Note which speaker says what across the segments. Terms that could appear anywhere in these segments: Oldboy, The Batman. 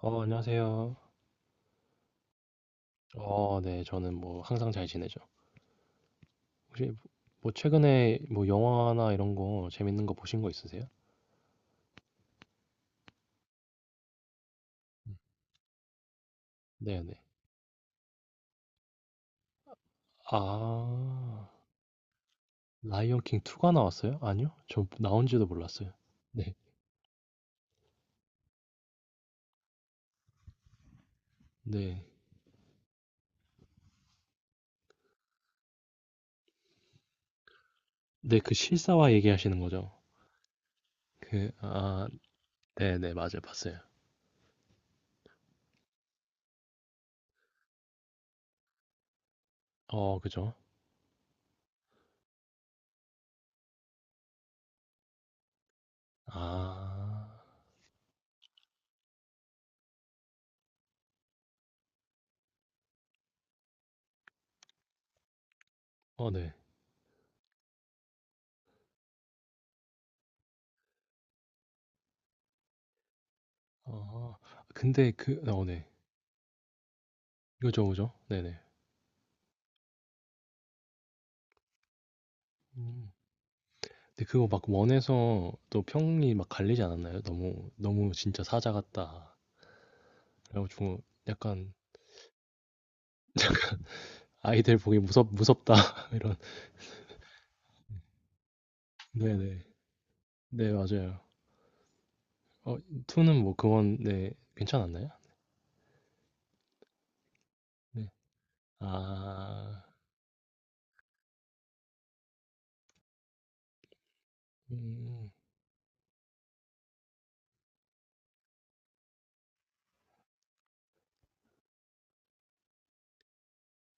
Speaker 1: 안녕하세요. 네, 저는 뭐 항상 잘 지내죠. 혹시 뭐 최근에 뭐 영화나 이런 거 재밌는 거 보신 거 있으세요? 네, 네. 아, 라이언 킹 2가 나왔어요? 아니요, 저 나온지도 몰랐어요. 네, 네, 네, 그 실사화 얘기하시는 거죠? 그, 아, 네, 네, 맞아요, 봤어요. 그죠? 아, 네. 어, 근데 그, 네, 그죠, 그죠? 네, 네. 근데 그거 막 원에서 또 평이 막 갈리지 않았나요? 너무 너무 진짜 사자 같다. 그래가지고 약간 아이들 보기 무섭다 이런. 네네. 네, 맞아요. 어 투는 뭐 그건 네 괜찮았나요? 네. 아, 음,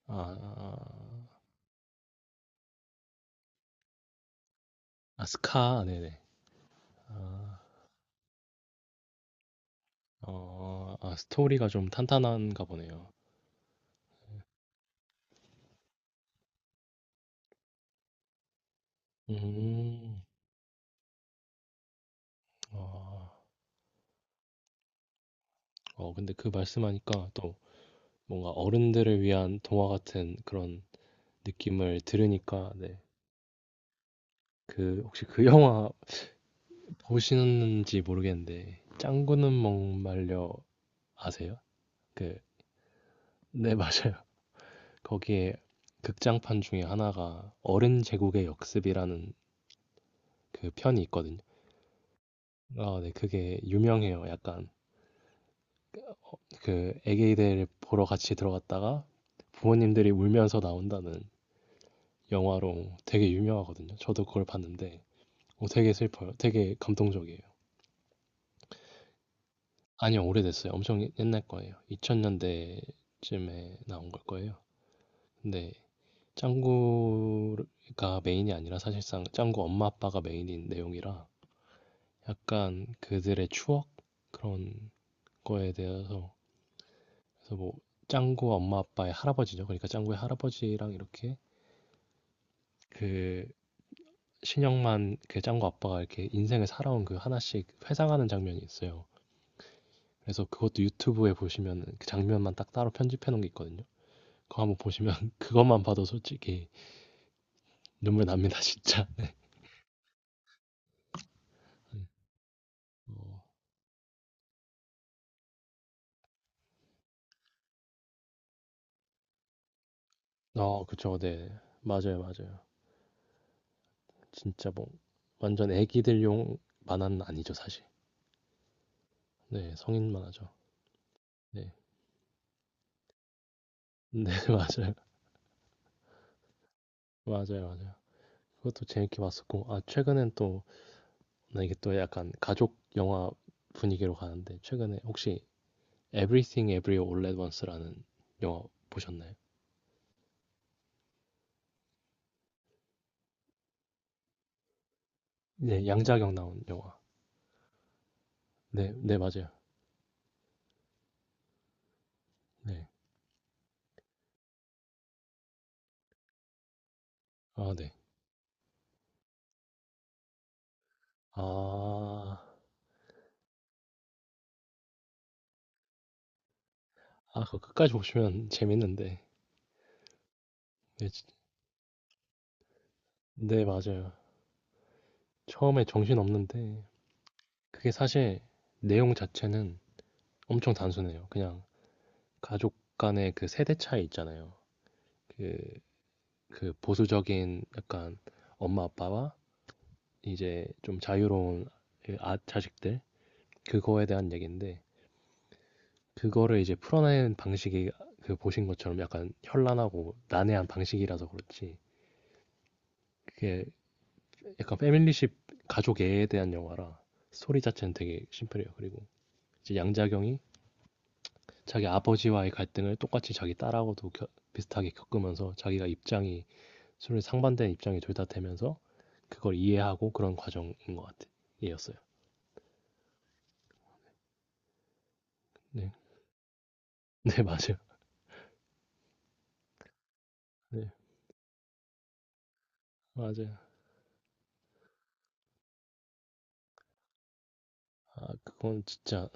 Speaker 1: 아, 아 아, 스카, 네네. 아, 아, 스토리가 좀 탄탄한가 보네요. 음, 아, 근데 그 말씀하니까 또 뭔가 어른들을 위한 동화 같은 그런 느낌을 들으니까, 네. 그 혹시 그 영화 보시는지 모르겠는데, 짱구는 목말려 아세요? 그, 네, 맞아요. 거기에 극장판 중에 하나가 어른 제국의 역습이라는 그 편이 있거든요. 아, 네. 그게 유명해요. 약간 그 애기들 보러 같이 들어갔다가 부모님들이 울면서 나온다는 영화로 되게 유명하거든요. 저도 그걸 봤는데 되게 슬퍼요. 되게 감동적이에요. 아니요, 오래됐어요. 엄청 옛- 날 거예요. 2000년대쯤에 나온 걸 거예요. 근데 짱구가 메인이 아니라 사실상 짱구 엄마 아빠가 메인인 내용이라 약간 그들의 추억 그런 거에 대해서, 그래서 뭐 짱구 엄마 아빠의 할아버지죠. 그러니까 짱구의 할아버지랑 이렇게 그 신영만, 그 짱구 아빠가 이렇게 인생을 살아온 그 하나씩 회상하는 장면이 있어요. 그래서 그것도 유튜브에 보시면 그 장면만 딱 따로 편집해 놓은 게 있거든요. 그거 한번 보시면 그것만 봐도 솔직히 눈물 납니다, 진짜. 네. 어, 아, 그쵸. 네. 맞아요, 맞아요. 진짜 뭐 완전 애기들용 만화는 아니죠, 사실. 네, 성인 만화죠. 네. 네, 맞아요. 맞아요, 맞아요. 그것도 재밌게 봤었고, 아, 최근엔 또, 나 이게 또 약간 가족 영화 분위기로 가는데, 최근에 혹시 Everything Everywhere All at Once라는 영화 보셨나요? 네, 양자경 나온 영화. 네, 네, 맞아요. 네. 아, 네. 아, 아, 그거 끝까지 보시면 재밌는데. 네, 네, 맞아요. 처음에 정신 없는데, 그게 사실 내용 자체는 엄청 단순해요. 그냥 가족 간의 그 세대 차이 있잖아요. 그, 그 보수적인 약간 엄마 아빠와 이제 좀 자유로운 그 아, 자식들, 그거에 대한 얘기인데, 그거를 이제 풀어내는 방식이 그 보신 것처럼 약간 현란하고 난해한 방식이라서 그렇지. 그게 약간 패밀리십, 가족애에 대한 영화라 스토리 자체는 되게 심플해요. 그리고 이제 양자경이 자기 아버지와의 갈등을 똑같이 자기 딸하고도 비슷하게 겪으면서 자기가 입장이 서로 상반된 입장이 둘 다 되면서 그걸 이해하고 그런 과정인 것 같아요어요. 네, 네, 맞아요. 네, 맞아요. 아, 그건 진짜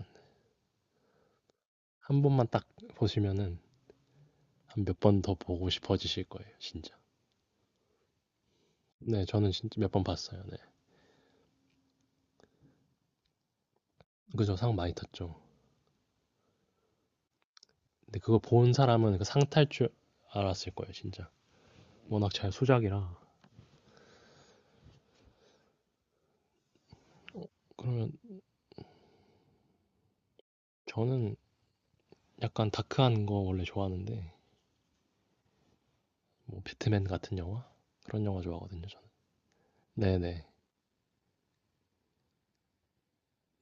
Speaker 1: 한 번만 딱 보시면은 한 몇 번 더 보고 싶어지실 거예요, 진짜. 네, 저는 진짜 몇 번 봤어요. 네, 그죠, 상 많이 탔죠. 근데 그거 본 사람은 그 상탈 줄 알았을 거예요, 진짜. 워낙 잘 수작이라. 그러면 저는 약간 다크한 거 원래 좋아하는데, 뭐 배트맨 같은 영화? 그런 영화 좋아하거든요, 저는. 네네.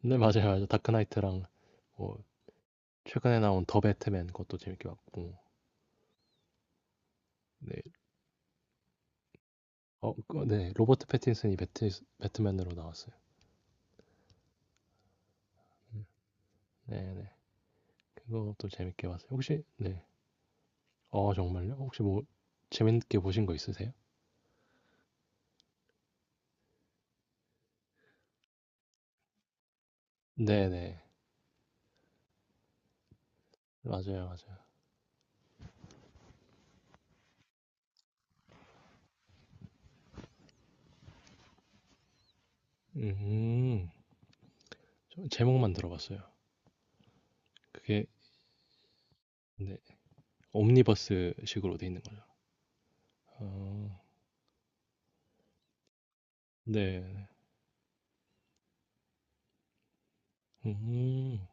Speaker 1: 네, 맞아요, 맞아요. 다크나이트랑, 뭐, 최근에 나온 더 배트맨 그것도 재밌게 봤고, 네. 그, 네. 로버트 패틴슨이 배트맨으로 나왔어요. 음. 네네. 그것도 재밌게 봤어요. 혹시, 네. 정말요? 혹시 뭐, 재밌게 보신 거 있으세요? 네네. 맞아요, 맞아요. 음, 저 제목만 들어봤어요. 그게 네, 옴니버스식으로 돼 있는 거죠. 어, 네, 음,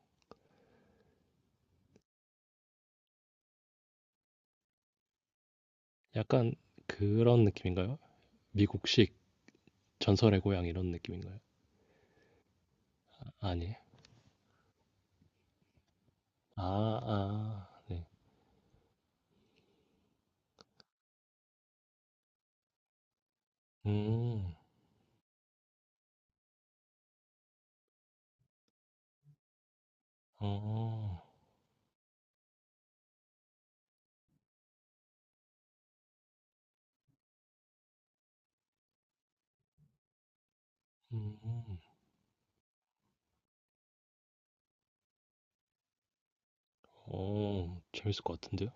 Speaker 1: 약간 그런 느낌인가요? 미국식 전설의 고향 이런 느낌인가요? 아니, 아, 아, 네, 음, 어, 음, 재밌을 것 같은데요?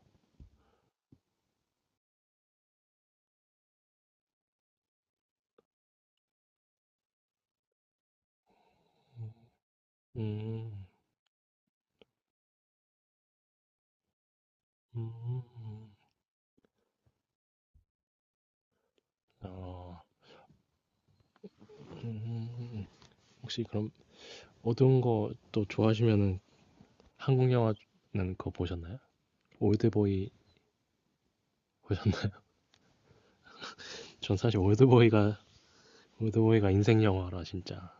Speaker 1: 음, 음, 음. 어, 혹시 그럼 어두운 거 또 좋아하시면은, 한국 영화는 그거 보셨나요? 올드보이. 전 사실 올드보이가 인생 영화라, 진짜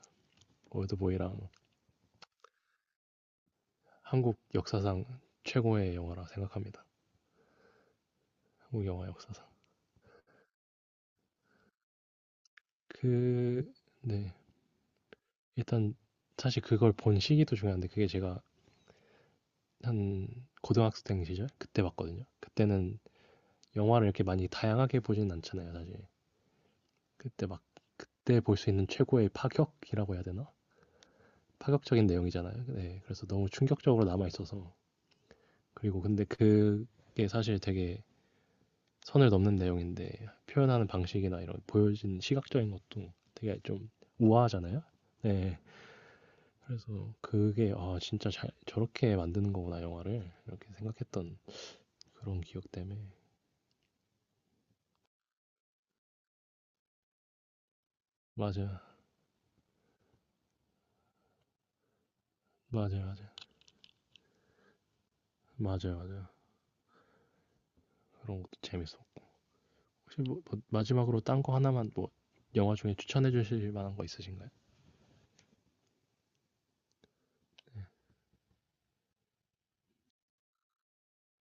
Speaker 1: 올드보이랑, 한국 역사상 최고의 영화라 생각합니다. 한국 영화 역사상. 그, 네. 일단 사실 그걸 본 시기도 중요한데, 그게 제가 한 고등학생 시절 그때 봤거든요. 그때는 영화를 이렇게 많이 다양하게 보진 않잖아요, 사실. 그때 막 그때 볼 수 있는 최고의 파격이라고 해야 되나? 파격적인 내용이잖아요. 네. 그래서 너무 충격적으로 남아 있어서. 그리고 근데 그게 사실 되게 선을 넘는 내용인데 표현하는 방식이나 이런 보여진 시각적인 것도 되게 좀 우아하잖아요. 네. 그래서 그게 아 진짜 잘 저렇게 만드는 거구나, 영화를, 이렇게 생각했던 그런 기억 때문에. 맞아, 맞아, 맞아, 맞아, 맞아, 그런 것도 재밌어. 혹시 뭐, 마지막으로 딴 거 하나만 뭐 영화 중에 추천해 주실 만한 거 있으신가요?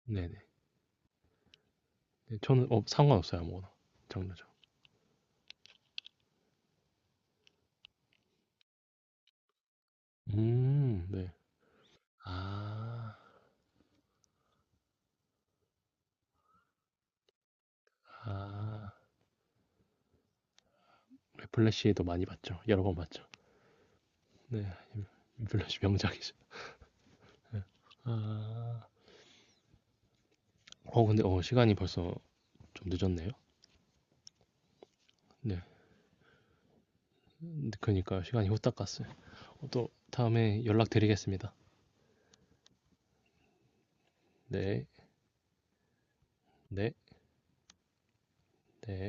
Speaker 1: 네네. 네, 저는 상관없어요, 아무거나 장르죠. 네. 아, 아, 네, 플래시도 많이 봤죠. 여러 번 봤죠. 네. 인플레시 명작이죠. 예. 아. 근데 시간이 벌써 좀 늦었네요. 네. 그니까요. 시간이 후딱 갔어요. 또 다음에 연락드리겠습니다. 네. 네. 네.